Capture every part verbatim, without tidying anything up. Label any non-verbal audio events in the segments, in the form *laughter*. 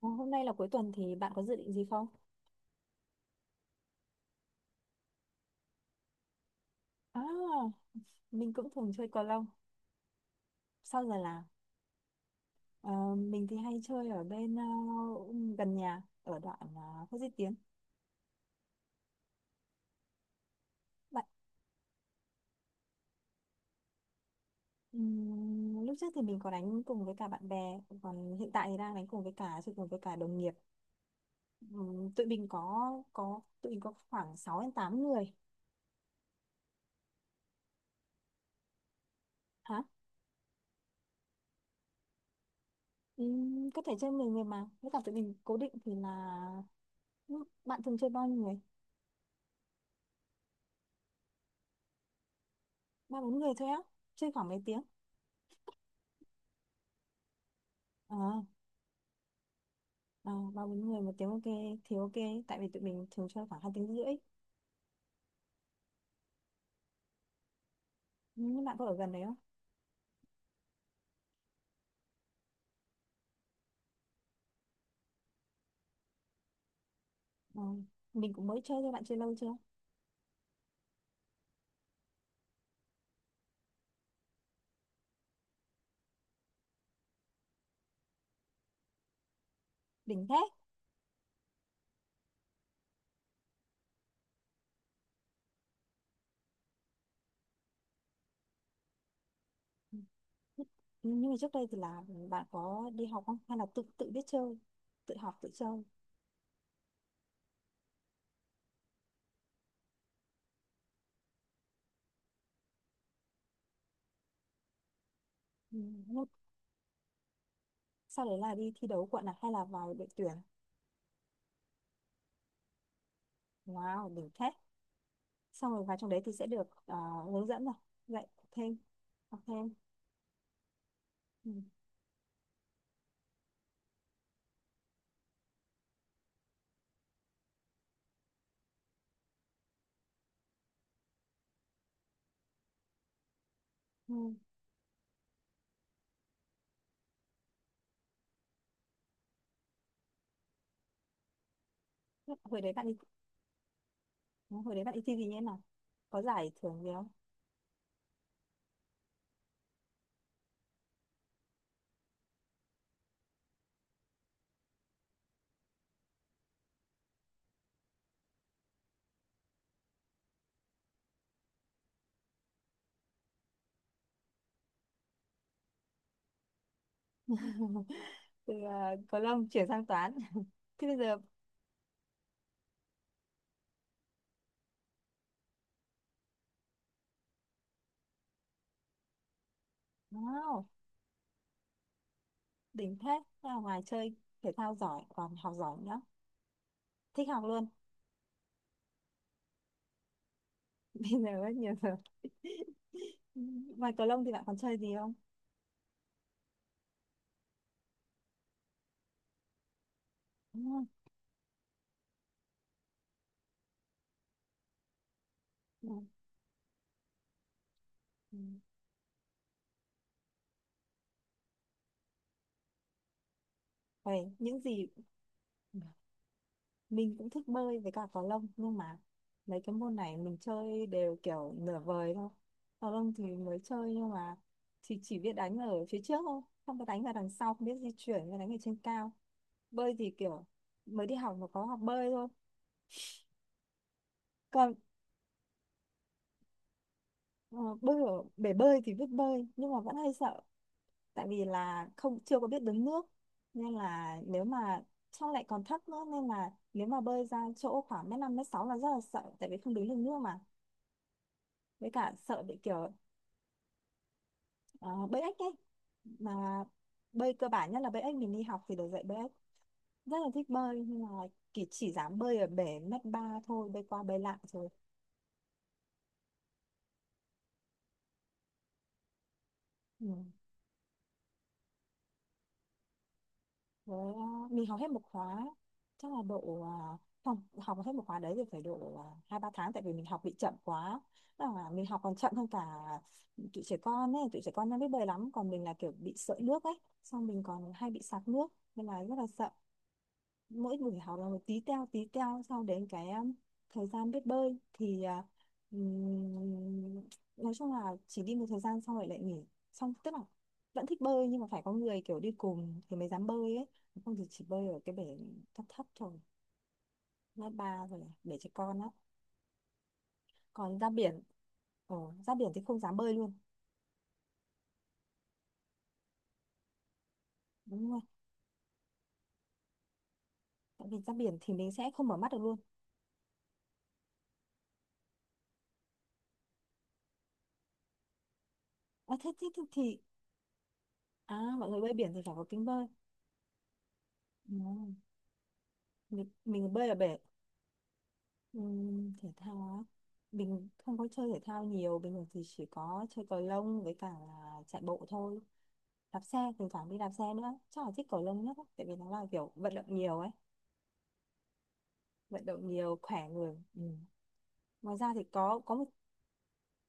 Ờ, Hôm nay là cuối tuần thì bạn có dự định gì không? À, mình cũng thường chơi cầu lông. Sau giờ là ờ, mình thì hay chơi ở bên ờ, gần nhà ở đoạn uh, Phố Duy Tiến. Bạn ừm, Lúc trước thì mình có đánh cùng với cả bạn bè, còn hiện tại thì đang đánh cùng với cả chơi cùng với cả đồng nghiệp. Ừm, tụi mình có có tụi mình có khoảng sáu đến tám người. Hả? Ừm, có thể chơi mười người mà. Với cả tụi mình cố định thì là, bạn thường chơi bao nhiêu người? Ba bốn người thôi á. Chơi khoảng mấy tiếng? Ờ. Ờ, ba bốn người một tiếng, ok thì ok, tại vì tụi mình thường chơi khoảng hai tiếng rưỡi. Nhưng bạn có ở gần đấy không? Ờ, mình cũng mới chơi thôi. Bạn chơi lâu chưa? Đỉnh thế. Ừ, nhưng mà trước đây thì là bạn có đi học không, hay là tự tự biết chơi, tự học tự chơi? Ừ, nhưng sau đấy là đi thi đấu quận à, hay là vào đội tuyển? Wow, đỉnh thế. Xong rồi vào trong đấy thì sẽ được ờ, hướng dẫn rồi, dạy thêm học thêm. Ừ. Ừ. hồi đấy bạn đi hồi đấy bạn đi thi gì nhé nào? Có giải thưởng gì không? Từ ờ, có lâm chuyển sang toán. Thế bây giờ. Wow, đỉnh thế. Thế là ngoài chơi thể thao giỏi, còn học giỏi nữa. Thích học luôn. *laughs* Bây giờ rất nhiều rồi. *laughs* Ngoài cầu lông thì bạn còn chơi gì không? Đúng không? Ừ. Ừ. Vậy những gì mình cũng thích bơi với cả cầu lông, nhưng mà mấy cái môn này mình chơi đều kiểu nửa vời thôi. Cầu lông thì mới chơi nhưng mà thì chỉ biết đánh ở phía trước thôi, không có đánh vào đằng sau, không biết di chuyển và đánh ở trên cao. Bơi thì kiểu mới đi học mà có học bơi thôi. Còn Ờ, bơi ở bể bơi thì biết bơi, nhưng mà vẫn hay sợ, tại vì là không chưa có biết đứng nước. Nên là nếu mà trong lại còn thấp nữa, nên là nếu mà bơi ra chỗ khoảng mét năm mét sáu là rất là sợ, tại vì không đứng được nước mà, với cả sợ bị kiểu ờ, bơi ếch ấy mà. Bơi cơ bản nhất là bơi ếch, mình đi học thì được dạy bơi ếch. Rất là thích bơi, nhưng mà chỉ, chỉ dám bơi ở bể mét ba thôi, bơi qua bơi lại rồi. Ừ. Với uh, mình học hết một khóa, chắc là độ uh, không, học hết một khóa đấy thì phải độ uh, hai ba tháng, tại vì mình học bị chậm quá. Tức là mình học còn chậm hơn cả tụi trẻ con ấy, tụi trẻ con nó biết bơi lắm. Còn mình là kiểu bị sợi nước ấy, xong mình còn hay bị sặc nước, nên là rất là sợ. Mỗi buổi học là một tí teo tí teo, sau đến cái um, thời gian biết bơi thì à, ừm, nói chung là chỉ đi một thời gian xong rồi lại nghỉ. Xong tức là vẫn thích bơi, nhưng mà phải có người kiểu đi cùng thì mới dám bơi ấy, không thì chỉ bơi ở cái bể thấp thấp thôi. Ngã ba rồi để cho con á. Còn ra biển, ờ, ra biển thì không dám bơi luôn. Đúng rồi, tại vì ra biển thì mình sẽ không mở mắt được luôn. À, thế, thế, thế thì à, mọi người bơi biển thì phải có kính bơi. Ừ. mình, mình bơi ở bể. Ừm, thể thao á, mình không có chơi thể thao nhiều. Bình thường thì chỉ có chơi cầu lông với cả là chạy bộ thôi, đạp xe, thỉnh thoảng đi đạp xe nữa. Chắc là thích cầu lông nhất á, tại vì nó là kiểu vận động nhiều ấy, vận động nhiều khỏe người. Ừ. Ngoài ra thì có có một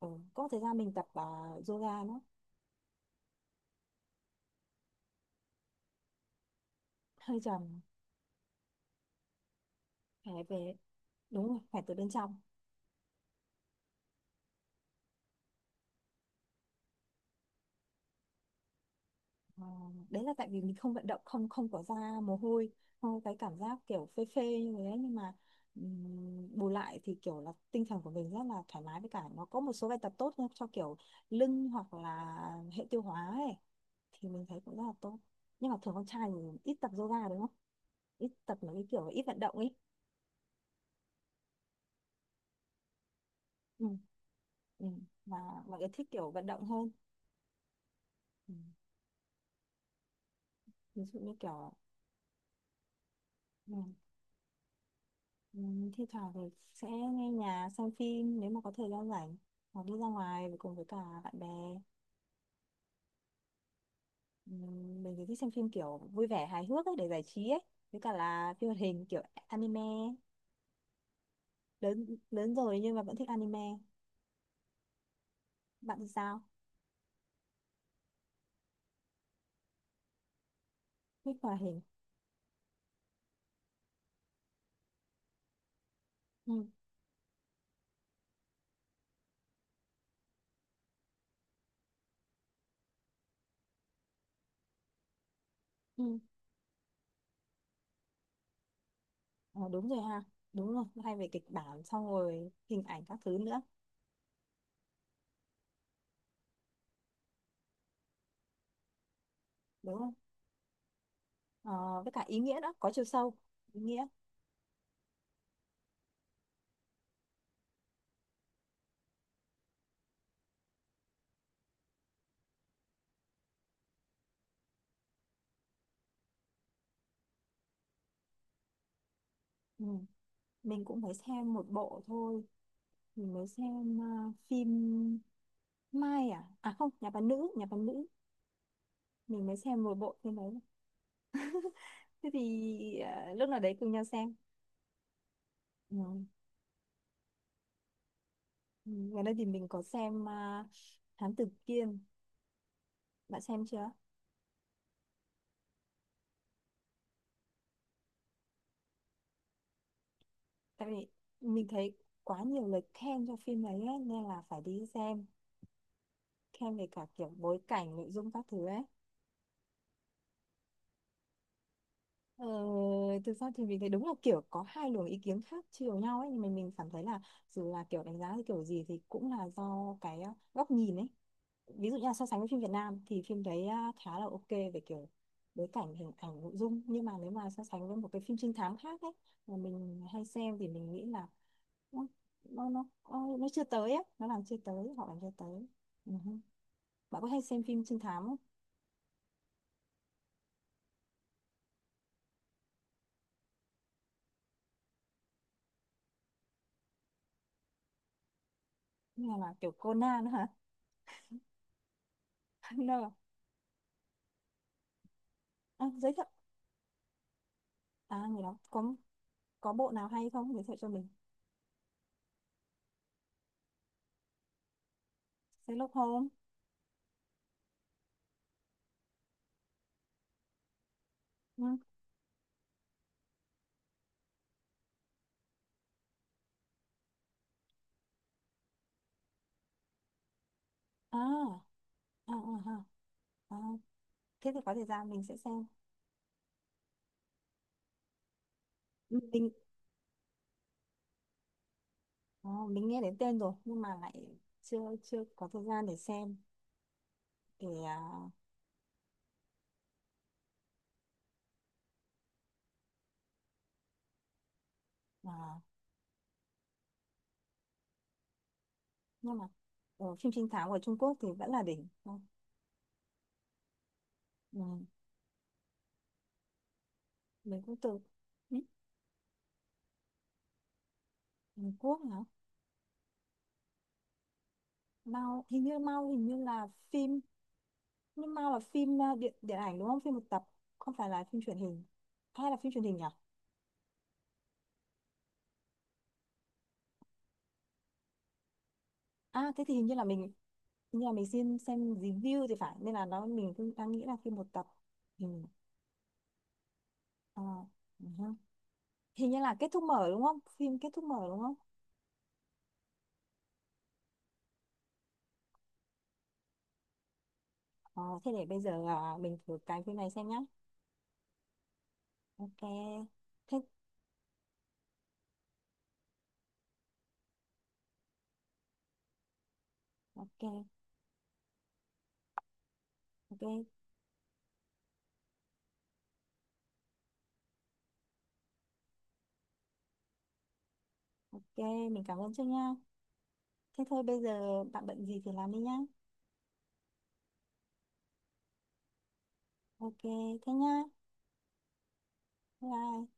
ừ, có một thời gian mình tập à, yoga nữa. Hơi trầm. Khỏe về, đúng rồi, khỏe từ bên trong. Ờ, đấy là tại vì mình không vận động, không không có ra mồ hôi, không có cái cảm giác kiểu phê phê như thế. Nhưng mà ừm, bù lại thì kiểu là tinh thần của mình rất là thoải mái, với cả nó có một số bài tập tốt nữa cho kiểu lưng hoặc là hệ tiêu hóa ấy, thì mình thấy cũng rất là tốt. Nhưng mà thường con trai thì ít tập yoga, đúng không? Ít tập mấy cái kiểu ít vận động ấy. Ừ. Ừ. Mà mọi người thích kiểu vận động hơn. Ừ. Ví dụ như kiểu. Ừ. Ừ, thi thoảng thì sẽ nghe nhạc xem phim nếu mà có thời gian rảnh, hoặc đi ra ngoài với cùng với cả bạn bè. Ừ, mình thì thích xem phim kiểu vui vẻ hài hước ấy, để giải trí ấy, với cả là phim hoạt hình kiểu anime. Lớn lớn rồi nhưng mà vẫn thích anime. Bạn thì sao? Thích hoạt hình. Ừ, ừ. Ờ, đúng rồi ha. Đúng rồi, hay về kịch bản xong rồi hình ảnh các thứ nữa, đúng không? Ờ, với cả ý nghĩa đó có chiều sâu. Ý nghĩa. Ừ. Mình cũng mới xem một bộ thôi, mình mới xem ờ, phim Mai à? À không, Nhà Bà Nữ, Nhà Bà Nữ. Mình mới xem một bộ phim đấy. Thế thì à, lúc nào đấy cùng nhau xem. Ừ. Ừ, gần đây thì mình có xem à, Thám Tử Kiên. Bạn xem chưa? Tại vì mình thấy quá nhiều lời khen cho phim đấy ấy, nên là phải đi xem. Khen về cả kiểu bối cảnh, nội dung các thứ ấy. Ờ, thực ra thì mình thấy đúng là kiểu có hai luồng ý kiến khác chiều nhau ấy. Nhưng mà mình cảm thấy là dù là kiểu đánh giá thì kiểu gì thì cũng là do cái à, góc nhìn ấy. Ví dụ như là so sánh với phim Việt Nam thì phim đấy à, khá là ok về kiểu bối cảnh hình ảnh nội dung. Nhưng mà nếu mà so sánh với một cái phim trinh thám khác ấy mà mình hay xem thì mình nghĩ là nó nó nó, nó nó chưa tới ấy. Nó làm chưa tới Họ làm chưa tới. Ừ hứ. Bạn có hay xem phim trinh thám không, như là kiểu Conan hả? *laughs* No. À, giới thiệu. À người đó có có bộ nào hay không, giới thiệu cho mình? Sherlock Holmes. Ừ. À, à, à, à. À. Thế thì có thời gian mình sẽ xem. Ừ. Mình. Ờ, mình nghe đến tên rồi nhưng mà lại chưa chưa có thời gian để xem. Để à, à, nhưng mà ờ, phim trinh thám của Trung Quốc thì vẫn là đỉnh. Ờ, ừ, mình cũng từ. Ừ. Hàn Quốc hả? Mao hình như Mao hình như là phim. Nhưng Mao là phim à, điện điện ảnh đúng không, phim một tập? Không phải là phim truyền hình, hay là phim truyền hình nhỉ? À thế thì hình như là mình hình như là mình xin xem review thì phải, nên là nó mình cũng đang nghĩ là phim một tập. Ừ. ờ, ừ. Ha. Hình như là kết thúc mở đúng không, phim kết thúc mở đúng không? Ờ, Thế để bây giờ à, mình thử cái phim này xem nhá. Ok. Thế ok, ok, ok, mình cảm ơn trước nha. Thế thôi bây giờ bạn bận gì thì làm đi nhá. Ok, thế nhá. Bye. Bye.